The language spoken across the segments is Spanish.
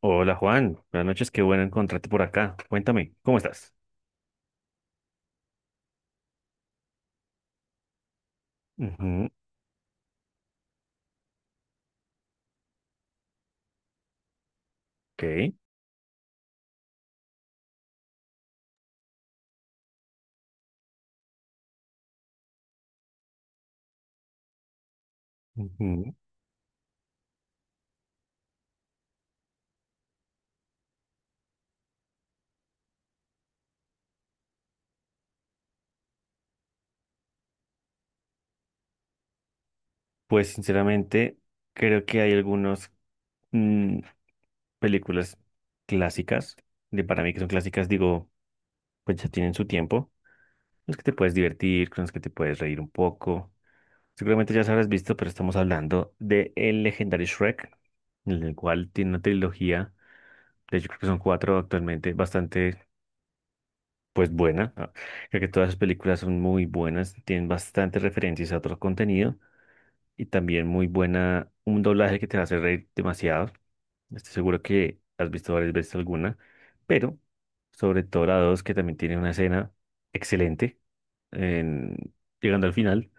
Hola Juan, buenas noches, qué bueno encontrarte por acá. Cuéntame, ¿cómo estás? Ujú. Ok. ujú. Pues sinceramente, creo que hay algunas películas clásicas, de para mí que son clásicas, digo, pues ya tienen su tiempo, con las que te puedes divertir, con las que te puedes reír un poco. Seguramente ya las habrás visto, pero estamos hablando de el legendario Shrek, el cual tiene una trilogía, de hecho creo que son cuatro actualmente, bastante pues buena. Ah, creo que todas las películas son muy buenas, tienen bastantes referencias a otro contenido y también muy buena, un doblaje que te va a hacer reír demasiado. Estoy seguro que has visto varias veces alguna, pero sobre todo la 2 que también tiene una escena excelente, en- llegando al final,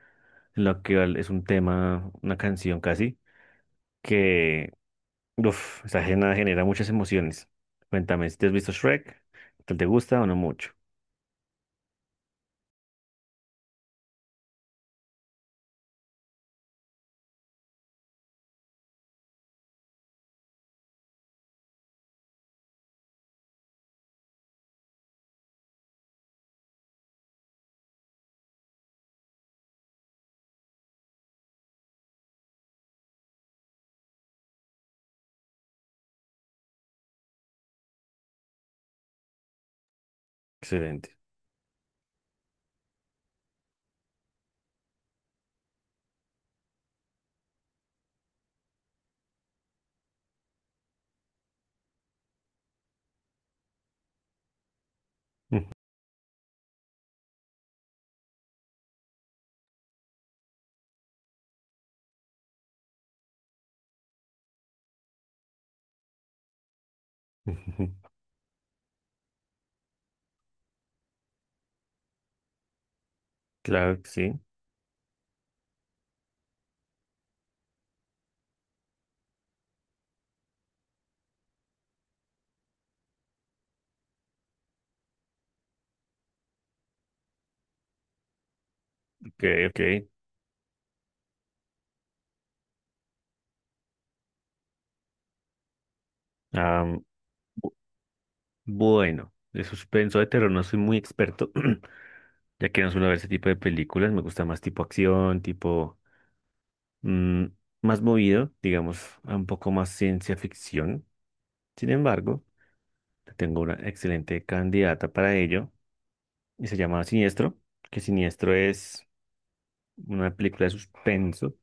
en la que es un tema, una canción casi, que uf, esa escena genera muchas emociones. ¿Cuéntame, si te has visto Shrek? ¿Te gusta o no mucho? Excelente. Ujú, claro que sí. Ok, ok. Am, bu- bueno, de suspenso de terror no soy muy experto, ya que no suelo ver ese tipo de películas. Me gusta más tipo acción, tipo mm, más movido, digamos, a un poco más ciencia ficción. Sin embargo, tengo una excelente candidata para ello y se llama Siniestro, que Siniestro es una película de suspenso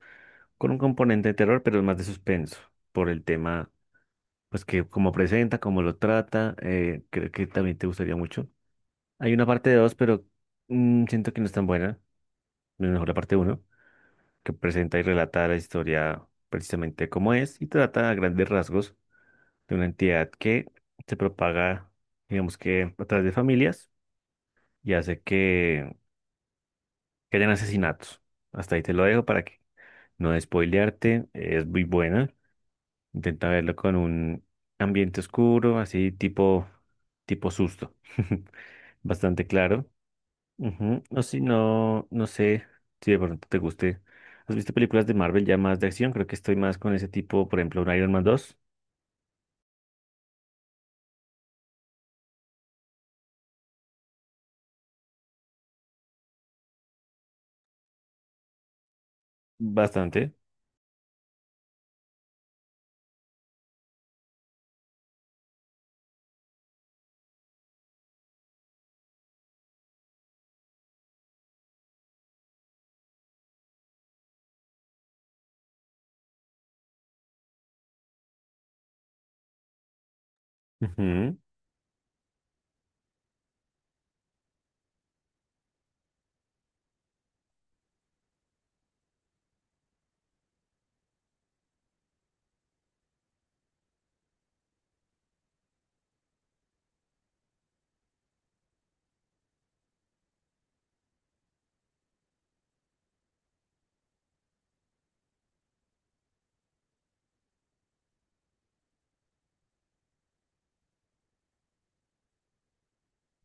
con un componente de terror, pero es más de suspenso por el tema. Pues que como presenta, como lo trata, creo que también te gustaría mucho. Hay una parte de dos, pero siento que no es tan buena, no es mejor la parte uno, que presenta y relata la historia precisamente como es y trata a grandes rasgos de una entidad que se propaga, digamos que a través de familias y hace que, hayan asesinatos. Hasta ahí te lo dejo para que no spoilearte, es muy buena. Intenta verlo con un ambiente oscuro, así tipo susto. Bastante claro. Ujú. O si no, no sé si de pronto te guste. ¿Has visto películas de Marvel ya más de acción? Creo que estoy más con ese tipo, por ejemplo, un Iron Man dos. Bastante. Ujú.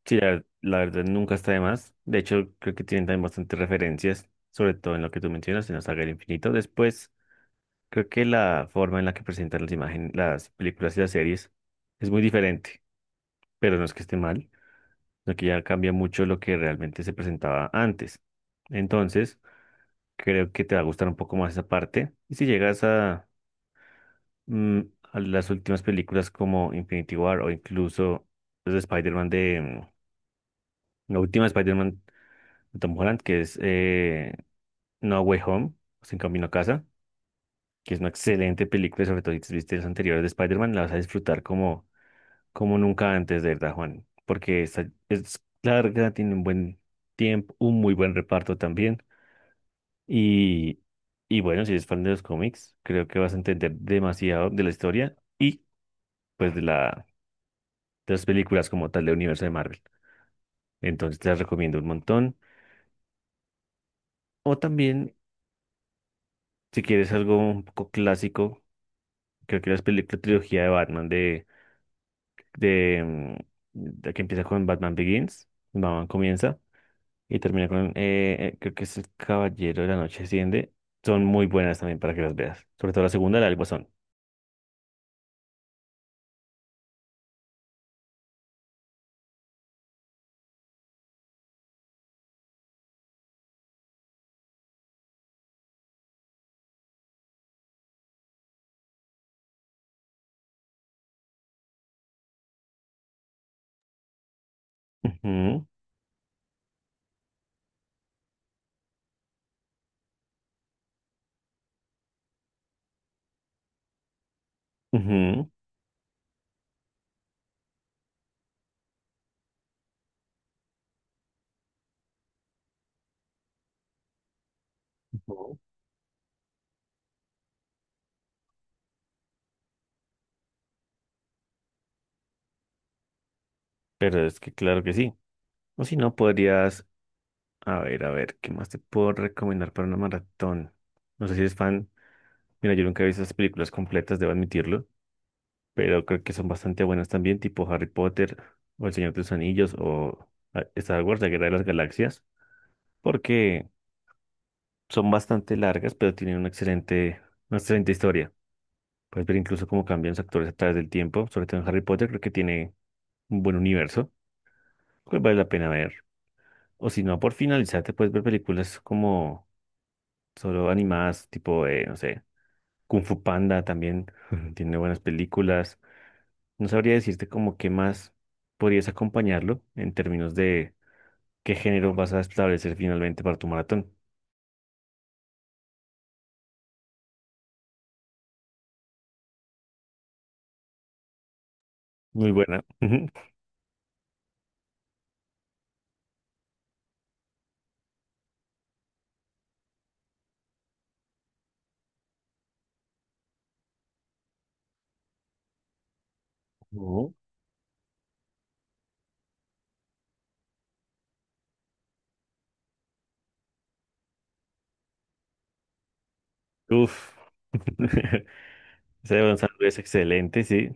Sí, la verdad nunca está de más. De hecho, creo que tienen también bastantes referencias, sobre todo en lo que tú mencionas, en la saga del infinito. Después, creo que la forma en la que presentan las imágenes, las películas y las series es muy diferente, pero no es que esté mal, sino que ya cambia mucho lo que realmente se presentaba antes. Entonces, creo que te va a gustar un poco más esa parte. Y si llegas a, mm, a las últimas películas como Infinity War o incluso los de Spider-Man de, la última Spider-Man de Tom Holland, que es No Way Home, o Sin Camino a Casa, que es una excelente película, sobre todo si te viste las anteriores de Spider-Man, la vas a disfrutar como nunca antes, de verdad, Juan, porque esta es larga, tiene un buen tiempo, un muy buen reparto también. Y, y bueno, si eres fan de los cómics, creo que vas a entender demasiado de la historia y pues de las películas como tal del universo de Marvel. Entonces te las recomiendo un montón. O también, si quieres algo un poco clásico, creo que las la trilogía de Batman de, mm, de que empieza con Batman Begins, Batman comienza, y termina con, creo que es El Caballero de la Noche Asciende. Son muy buenas también para que las veas. Sobre todo la segunda, la del Guasón. Ujú, ujú, ujú. Pero es que claro que sí. O si no, podrías, a ver, ¿qué más te puedo recomendar para una maratón? No sé si eres fan. Mira, yo nunca he visto esas películas completas, debo admitirlo, pero creo que son bastante buenas también, tipo Harry Potter o El Señor de los Anillos o ah, Star Wars, La Guerra de las Galaxias, porque son bastante largas, pero tienen una excelente historia. Puedes ver incluso cómo cambian los actores a través del tiempo, sobre todo en Harry Potter, creo que tiene un buen universo, que vale la pena ver. O si no, por finalizar, te puedes ver películas como solo animadas, tipo, no sé, Kung Fu Panda también tiene buenas películas. No sabría decirte como qué más podrías acompañarlo en términos de qué género vas a establecer finalmente para tu maratón. Muy buena. Ujú. Uf. Ese de Gonzalo es excelente, sí.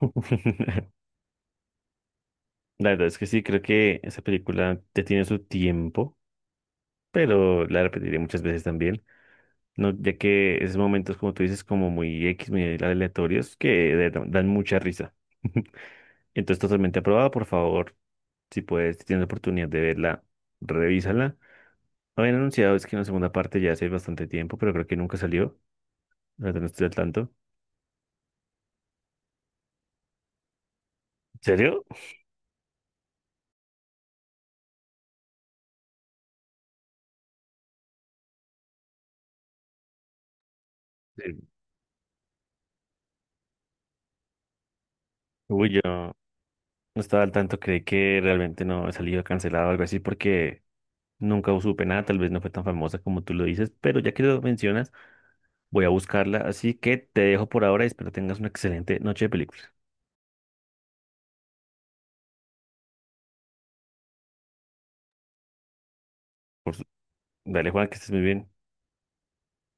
La verdad es que sí, creo que esa película ya tiene su tiempo, pero la repetiré muchas veces también, ¿no? Ya que esos momentos, como tú dices, como muy X, muy aleatorios, que dan mucha risa. Entonces, totalmente aprobada, por favor, si puedes, si tienes la oportunidad de verla, revísala. No habían anunciado, es que una segunda parte ya hace bastante tiempo, pero creo que nunca salió. La verdad no estoy al tanto. ¿En serio? Sí. Uy, yo. No estaba al tanto, creí que realmente no había salido cancelado o algo así porque nunca supe nada, tal vez no fue tan famosa como tú lo dices, pero ya que lo mencionas, voy a buscarla, así que te dejo por ahora y espero tengas una excelente noche de películas. Por su- Dale, Juan, que estés muy bien.